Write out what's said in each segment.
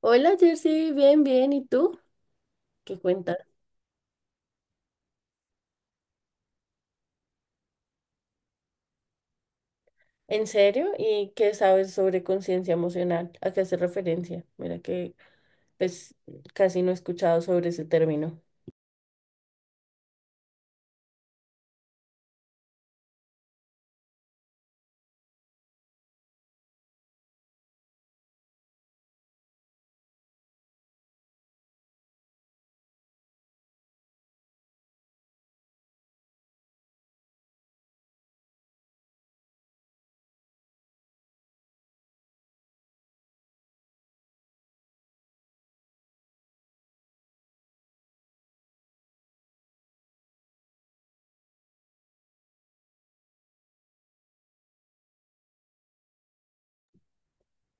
Hola Jersey, bien, bien. ¿Y tú? ¿Qué cuentas? ¿En serio? ¿Y qué sabes sobre conciencia emocional? ¿A qué hace referencia? Mira que pues casi no he escuchado sobre ese término.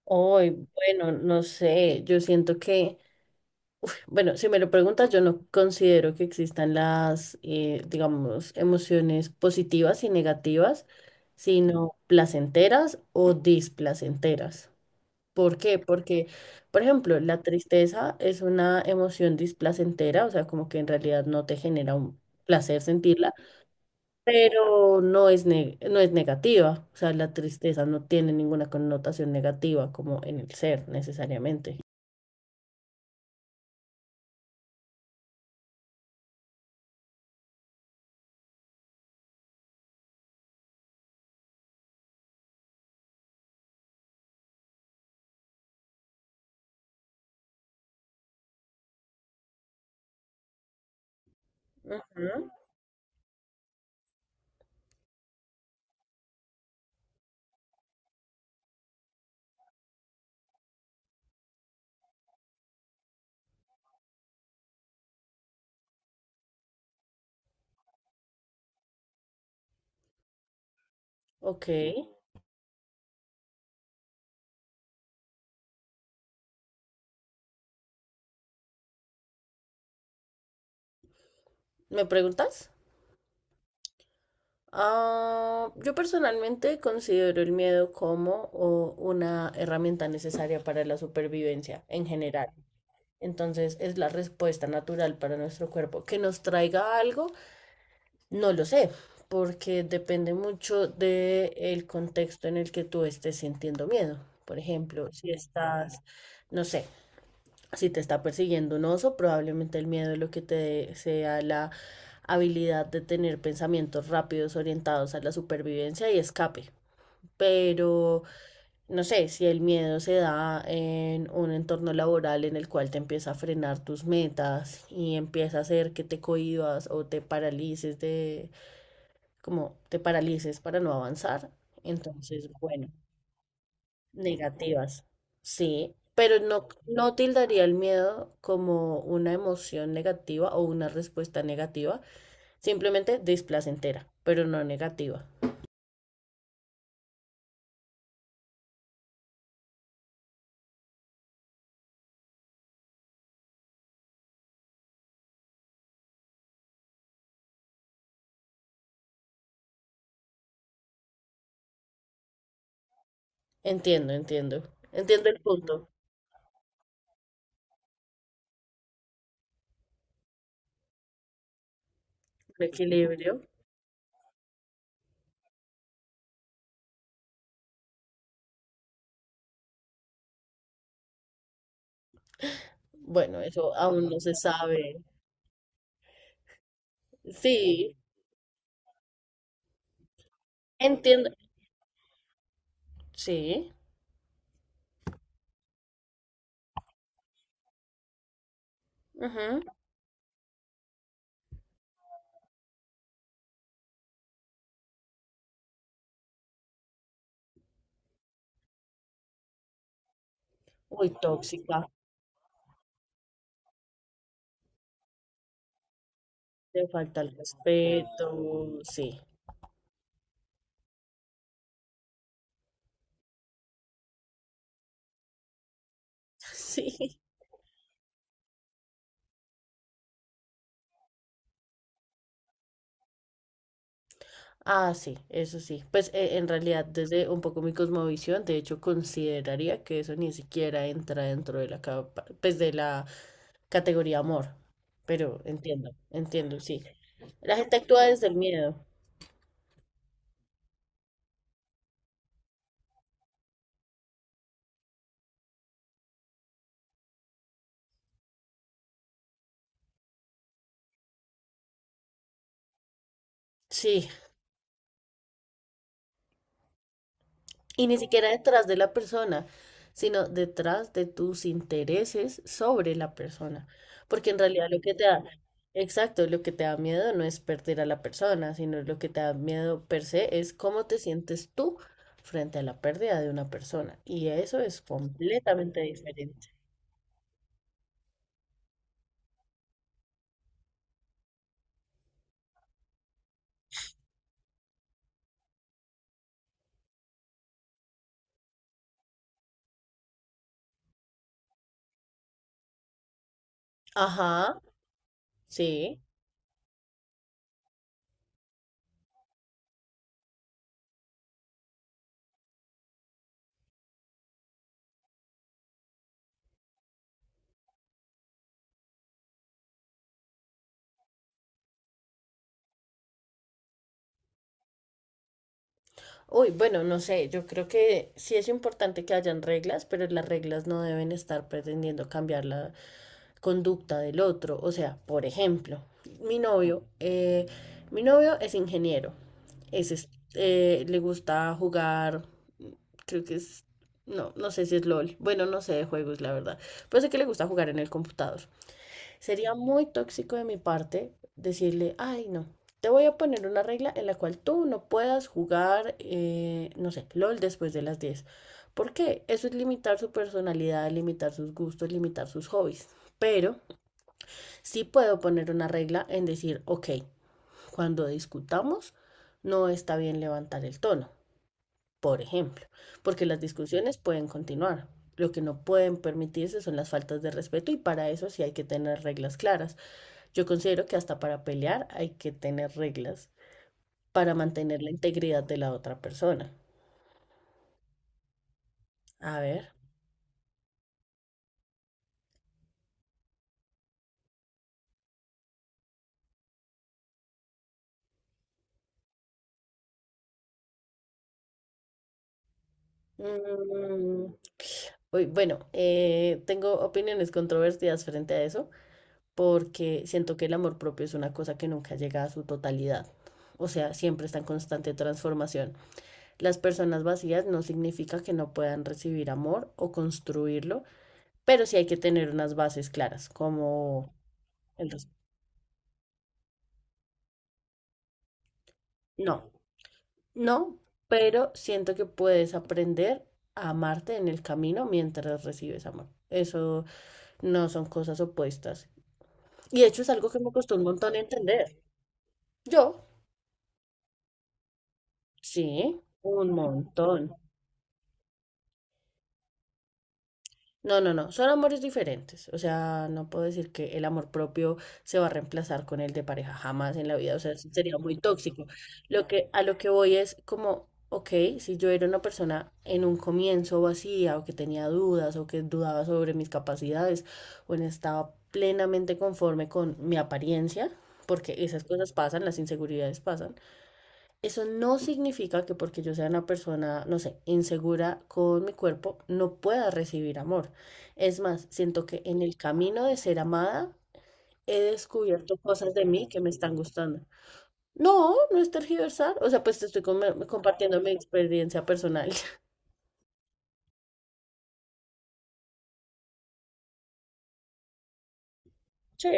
Hoy, bueno, no sé, yo siento que, bueno, si me lo preguntas, yo no considero que existan las, digamos, emociones positivas y negativas, sino placenteras o displacenteras. ¿Por qué? Porque, por ejemplo, la tristeza es una emoción displacentera, o sea, como que en realidad no te genera un placer sentirla, pero no es negativa, o sea, la tristeza no tiene ninguna connotación negativa como en el ser necesariamente. Ujú. Ok, ¿me preguntas? Ah, yo personalmente considero el miedo como o, una herramienta necesaria para la supervivencia en general. Entonces, ¿es la respuesta natural para nuestro cuerpo que nos traiga algo? No lo sé, porque depende mucho del contexto en el que tú estés sintiendo miedo. Por ejemplo, si estás, no sé, si te está persiguiendo un oso, probablemente el miedo lo que te dé sea la habilidad de tener pensamientos rápidos orientados a la supervivencia y escape. Pero no sé, si el miedo se da en un entorno laboral en el cual te empieza a frenar tus metas y empieza a hacer que te cohibas o te paralices de, como te paralices para no avanzar, entonces, bueno, negativas, sí, pero no, no tildaría el miedo como una emoción negativa o una respuesta negativa, simplemente displacentera, pero no negativa. Entiendo, entiendo. Entiendo el punto. El equilibrio. Bueno, eso aún no se sabe. Sí, entiendo. Sí. Ujú. Muy tóxica. Le falta el respeto. Sí. Sí. Ah, sí, eso sí. Pues en realidad, desde un poco mi cosmovisión, de hecho, consideraría que eso ni siquiera entra dentro de pues de la categoría amor. Pero entiendo, entiendo, sí. La gente actúa desde el miedo. Sí. Y ni siquiera detrás de la persona, sino detrás de tus intereses sobre la persona. Porque en realidad lo que te da, exacto, lo que te da miedo no es perder a la persona, sino lo que te da miedo per se es cómo te sientes tú frente a la pérdida de una persona. Y eso es completamente diferente. Ajá, sí. Uy, bueno, no sé, yo creo que sí es importante que hayan reglas, pero las reglas no deben estar pretendiendo cambiar la conducta del otro. O sea, por ejemplo, mi novio, eh, mi novio es ingeniero, es, es- le gusta jugar, mm, creo que es, no, no sé si es LOL, bueno, no sé de juegos, la verdad, pero sé que le gusta jugar en el computador. Sería muy tóxico de mi parte decirle, ay, no, te voy a poner una regla en la cual tú no puedas jugar, no sé, LOL después de las diez. ¿Por qué? Eso es limitar su personalidad, limitar sus gustos, limitar sus hobbies. Pero sí puedo poner una regla en decir, ok, cuando discutamos, no está bien levantar el tono, por ejemplo, porque las discusiones pueden continuar. Lo que no pueden permitirse son las faltas de respeto y para eso sí hay que tener reglas claras. Yo considero que hasta para pelear hay que tener reglas para mantener la integridad de la otra persona. A ver. mm, uy, bueno, tengo opiniones controvertidas frente a eso porque siento que el amor propio es una cosa que nunca llega a su totalidad. O sea, siempre está en constante transformación. Las personas vacías no significa que no puedan recibir amor o construirlo, pero sí hay que tener unas bases claras, como el respeto. No. No, pero siento que puedes aprender a amarte en el camino mientras recibes amor. Eso no son cosas opuestas. Y de hecho es algo que me costó un montón entender. Yo, sí, un montón. No, no, no, son amores diferentes. O sea, no puedo decir que el amor propio se va a reemplazar con el de pareja jamás en la vida. O sea, eso sería muy tóxico. Lo que, a lo que voy es como, ok, si yo era una persona en un comienzo vacía o que tenía dudas o que dudaba sobre mis capacidades o no estaba plenamente conforme con mi apariencia, porque esas cosas pasan, las inseguridades pasan, eso no significa que porque yo sea una persona, no sé, insegura con mi cuerpo, no pueda recibir amor. Es más, siento que en el camino de ser amada he descubierto cosas de mí que me están gustando. No, no es tergiversar. O sea, pues compartiendo mi experiencia personal. Sí.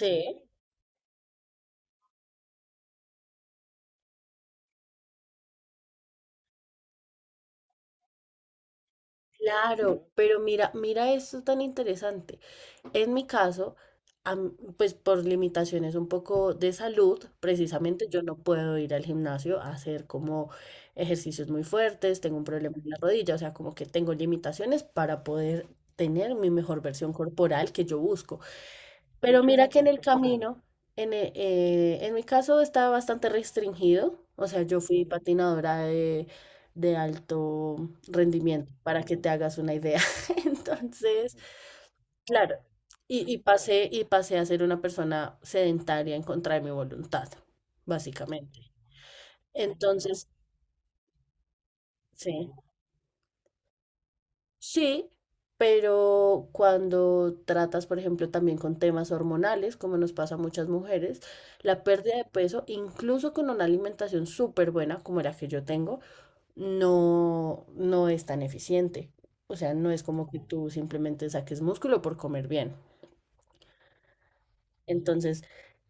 Sí. Claro, pero mira, mira esto tan interesante. En mi caso, pues por limitaciones un poco de salud, precisamente yo no puedo ir al gimnasio a hacer como ejercicios muy fuertes, tengo un problema en la rodilla, o sea, como que tengo limitaciones para poder tener mi mejor versión corporal que yo busco. Pero mira que en el camino, en mi caso estaba bastante restringido, o sea, yo fui patinadora de alto rendimiento, para que te hagas una idea. Entonces... Claro, y pasé a ser una persona sedentaria en contra de mi voluntad, básicamente. Entonces, sí, sí, pero cuando tratas, por ejemplo, también con temas hormonales, como nos pasa a muchas mujeres, la pérdida de peso, incluso con una alimentación súper buena, como la que yo tengo, no, no es tan eficiente. O sea, no es como que tú simplemente saques músculo por comer bien. Entonces,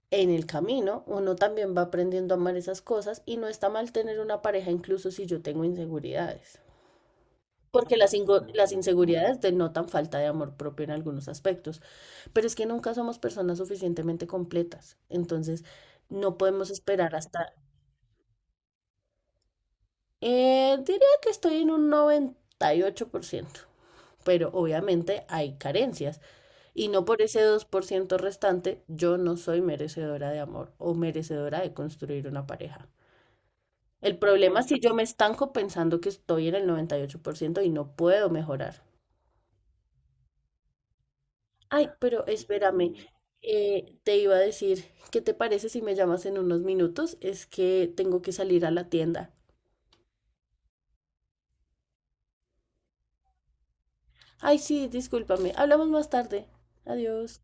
en el camino uno también va aprendiendo a amar esas cosas y no está mal tener una pareja incluso si yo tengo inseguridades. Porque las inseguridades denotan falta de amor propio en algunos aspectos, pero es que nunca somos personas suficientemente completas. Entonces, no podemos esperar hasta... diría que estoy en un 98%, pero obviamente hay carencias y no por ese 2% restante yo no soy merecedora de amor o merecedora de construir una pareja. El problema es si yo me estanco pensando que estoy en el 98% y 8% y no puedo mejorar. Ay, pero espérame, te iba a decir, ¿qué te parece si me llamas en unos minutos? Es que tengo que salir a la tienda. Ay, sí, discúlpame, hablamos más tarde. Adiós.